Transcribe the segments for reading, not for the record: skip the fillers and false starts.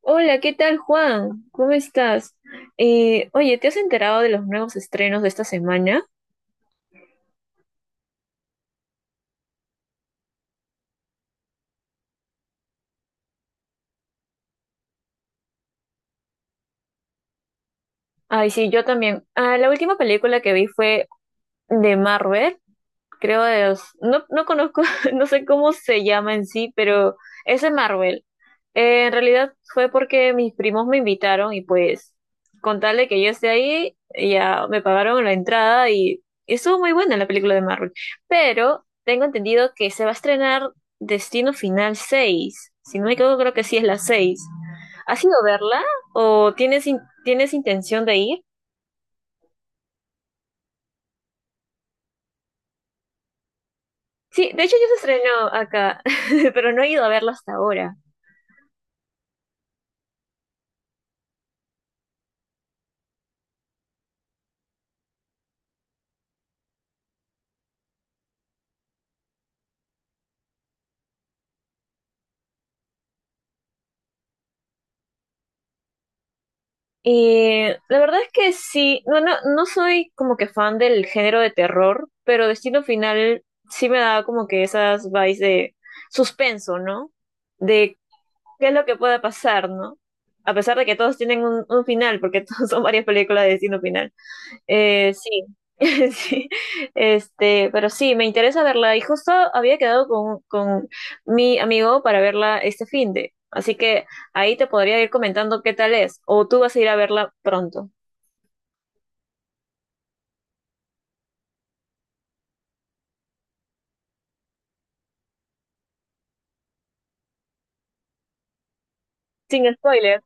Hola, ¿qué tal, Juan? ¿Cómo estás? Oye, ¿te has enterado de los nuevos estrenos de esta semana? Ay, sí, yo también. Ah, la última película que vi fue de Marvel. Creo de los, no, no conozco, no sé cómo se llama en sí, pero es de Marvel. En realidad fue porque mis primos me invitaron y pues con tal de que yo esté ahí, ya me pagaron la entrada y estuvo muy buena la película de Marvel. Pero tengo entendido que se va a estrenar Destino Final seis. Si no me equivoco, creo que sí es la seis. ¿Has ido a verla o tienes, tienes intención de ir? Sí, de hecho ya se estrenó acá, pero no he ido a verla hasta ahora. La verdad es que sí, no, no, no soy como que fan del género de terror, pero Destino Final sí me da como que esas vibes de suspenso, ¿no? De qué es lo que pueda pasar, ¿no? A pesar de que todos tienen un final, porque todos son varias películas de Destino Final. Sí, sí, este, pero sí, me interesa verla. Y justo había quedado con mi amigo para verla este fin de. Así que ahí te podría ir comentando qué tal es. O tú vas a ir a verla pronto. Sin spoiler.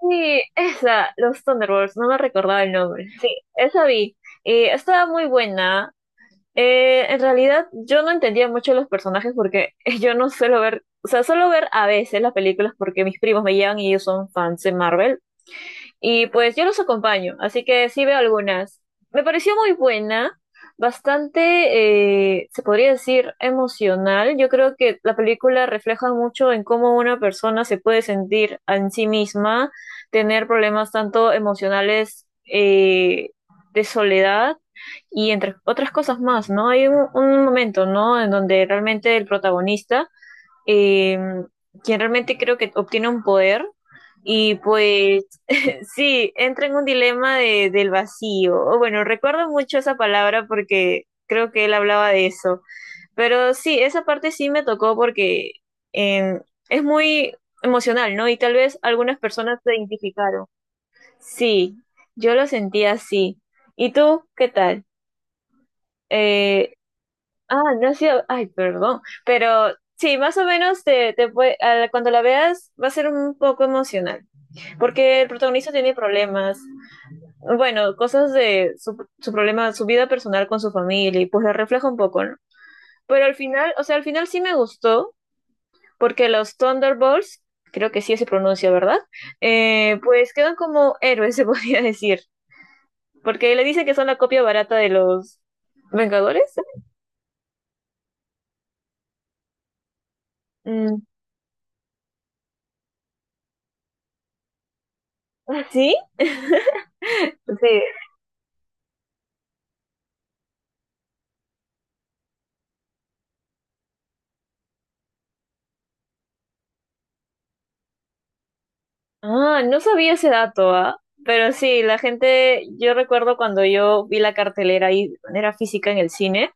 Sí, esa, los Thunderbolts, no me recordaba el nombre. Sí, esa vi. Y estaba muy buena. En realidad, yo no entendía mucho los personajes porque yo no suelo ver, o sea, suelo ver a veces las películas porque mis primos me llevan y ellos son fans de Marvel. Y pues yo los acompaño, así que sí veo algunas. Me pareció muy buena, bastante, se podría decir, emocional. Yo creo que la película refleja mucho en cómo una persona se puede sentir en sí misma, tener problemas tanto emocionales de soledad y entre otras cosas más, ¿no? Hay un momento, ¿no? En donde realmente el protagonista eh, quien realmente creo que obtiene un poder y pues sí, entra en un dilema del vacío. O bueno, recuerdo mucho esa palabra porque creo que él hablaba de eso, pero sí, esa parte sí me tocó porque eh, es muy emocional, ¿no? Y tal vez algunas personas se identificaron. Sí, yo lo sentía así. ¿Y tú qué tal? Eh, Ah, no ha sido, ay, perdón, pero sí, más o menos te, cuando la veas va a ser un poco emocional, porque el protagonista tiene problemas, bueno, cosas de su problema, su vida personal con su familia, y pues la refleja un poco, ¿no? Pero al final, o sea, al final sí me gustó, porque los Thunderbolts, creo que sí se pronuncia, ¿verdad? Pues quedan como héroes, se podría decir, porque le dicen que son la copia barata de los Vengadores. Mm, ¿sí? Sí. Ah, no sabía ese dato, ¿ah? Pero sí, la gente, yo recuerdo cuando yo vi la cartelera ahí de manera física en el cine,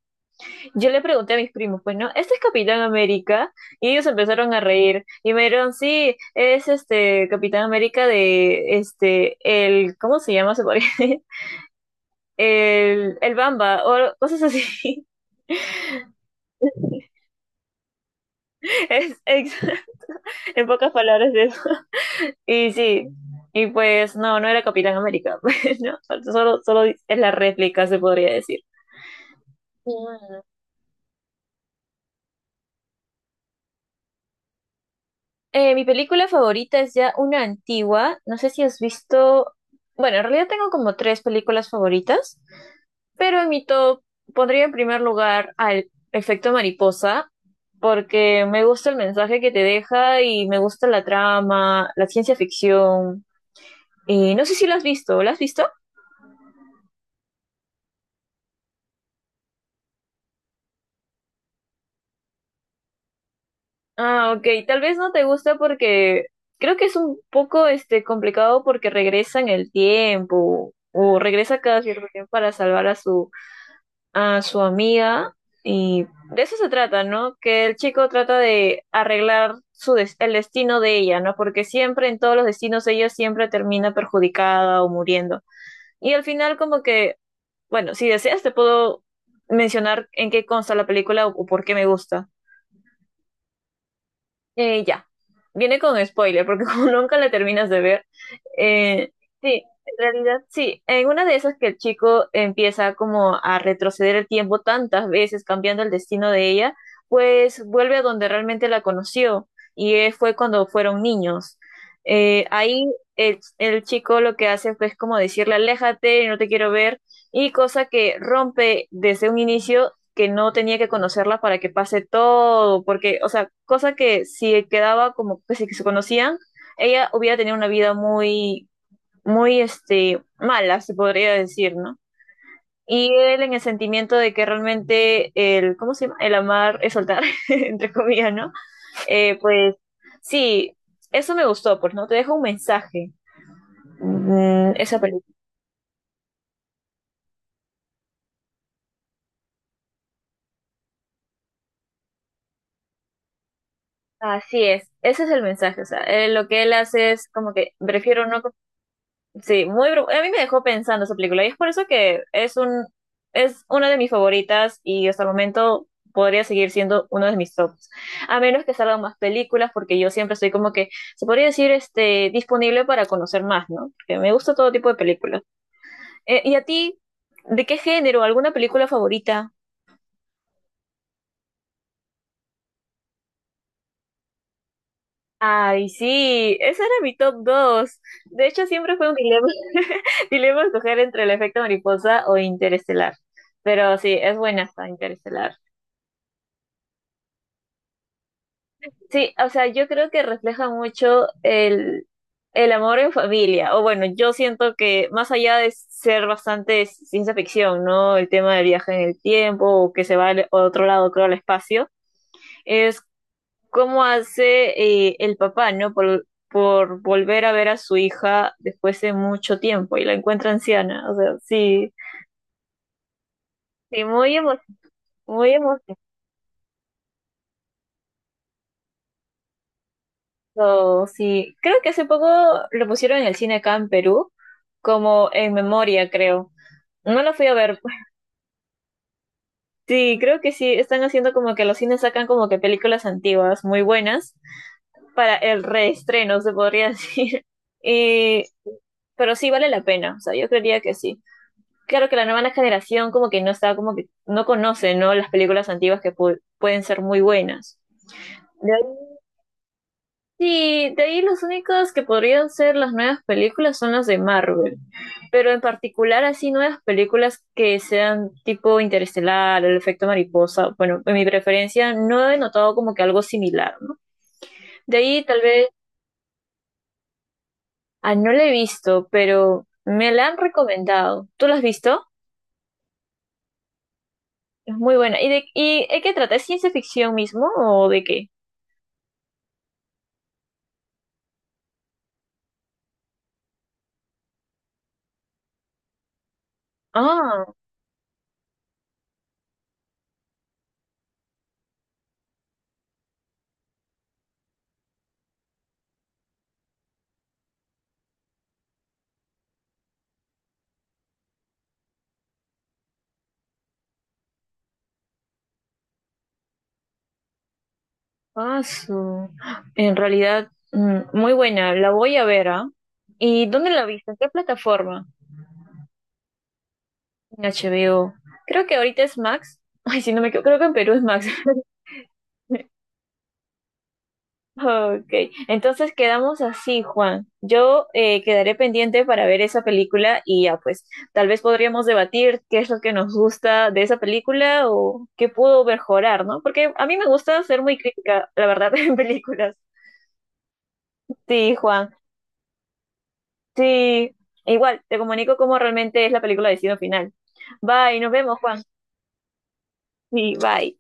yo le pregunté a mis primos, pues no, ¿este es Capitán América? Y ellos empezaron a reír y me dijeron, sí, es este Capitán América de, este, el, ¿cómo se llama? ¿Se podría decir? El Bamba o cosas así. Es, es- en pocas palabras eso. Y sí, y pues no, no era Capitán América, pues, ¿no? Solo, solo es la réplica, se podría decir. Mm. Mi película favorita es ya una antigua. No sé si has visto. Bueno, en realidad tengo como tres películas favoritas, pero en mi top pondría en primer lugar al efecto mariposa, porque me gusta el mensaje que te deja y me gusta la trama, la ciencia ficción. Y no sé si la has visto. ¿La has visto? Ah, ok. Tal vez no te gusta porque creo que es un poco este complicado porque regresa en el tiempo o regresa cada cierto tiempo para salvar a su amiga y de eso se trata, ¿no? Que el chico trata de arreglar el destino de ella, ¿no? Porque siempre en todos los destinos ella siempre termina perjudicada o muriendo. Y al final como que, bueno, si deseas te puedo mencionar en qué consta la película o por qué me gusta. Ya, viene con spoiler, porque como nunca la terminas de ver, eh, sí, en realidad sí, en una de esas que el chico empieza como a retroceder el tiempo tantas veces, cambiando el destino de ella, pues vuelve a donde realmente la conoció, y fue cuando fueron niños. Ahí el chico lo que hace fue como decirle, aléjate, no te quiero ver, y cosa que rompe desde un inicio que no tenía que conocerla para que pase todo, porque, o sea, cosa que si quedaba como que si se conocían, ella hubiera tenido una vida muy, muy, este, mala, se podría decir, ¿no? Y él en el sentimiento de que realmente el, ¿cómo se llama? El amar es soltar, entre comillas, ¿no? Pues sí, eso me gustó, pues, ¿no? Te deja un mensaje, esa película. Así es, ese es el mensaje, o sea, lo que él hace es como que prefiero no. Sí, a mí me dejó pensando esa película y es por eso que es una de mis favoritas y hasta el momento podría seguir siendo uno de mis tops. A menos que salgan más películas porque yo siempre estoy como que, se podría decir, este, disponible para conocer más, ¿no? Porque me gusta todo tipo de películas. ¿Y a ti, de qué género? ¿Alguna película favorita? Ay, sí, ese era mi top dos. De hecho, siempre fue un dilema, dilema escoger entre el efecto mariposa o Interestelar. Pero sí, es buena esta Interestelar. Sí, o sea, yo creo que refleja mucho el amor en familia. O bueno, yo siento que más allá de ser bastante ciencia ficción, ¿no? El tema del viaje en el tiempo o que se va a otro lado, creo, al espacio cómo hace el papá, ¿no? Por volver a ver a su hija después de mucho tiempo y la encuentra anciana. O sea, sí, sí, muy emocionado. Sí, creo que hace poco lo pusieron en el cine acá en Perú, como en memoria, creo. No lo fui a ver. Sí, creo que sí, están haciendo como que los cines sacan como que películas antiguas muy buenas para el reestreno, se podría decir. Y, pero sí vale la pena, o sea, yo creería que sí. Claro que la nueva generación como que no está, como que no conoce, ¿no? Las películas antiguas que pueden ser muy buenas. De ahí, sí, de ahí los únicos que podrían ser las nuevas películas son las de Marvel, pero en particular así nuevas películas que sean tipo Interestelar, El efecto mariposa, bueno, en mi preferencia no he notado como que algo similar, ¿no? De ahí tal vez, ah, no la he visto, pero me la han recomendado. ¿Tú la has visto? Es muy buena. ¿Y y de qué trata? ¿Es ciencia ficción mismo o de qué? Ah, paso. En realidad, muy buena. La voy a ver, ¿ah? ¿Y dónde la viste? ¿En qué plataforma? En HBO. Creo que ahorita es Max. Ay, si no me equivoco, creo que en Perú es Max. Ok, entonces quedamos así, Juan. Yo quedaré pendiente para ver esa película y ya, pues, tal vez podríamos debatir qué es lo que nos gusta de esa película o qué pudo mejorar, ¿no? Porque a mí me gusta ser muy crítica, la verdad, en películas. Sí, Juan. Sí, igual, te comunico cómo realmente es la película de Destino Final. Bye, nos vemos, Juan. Sí, bye.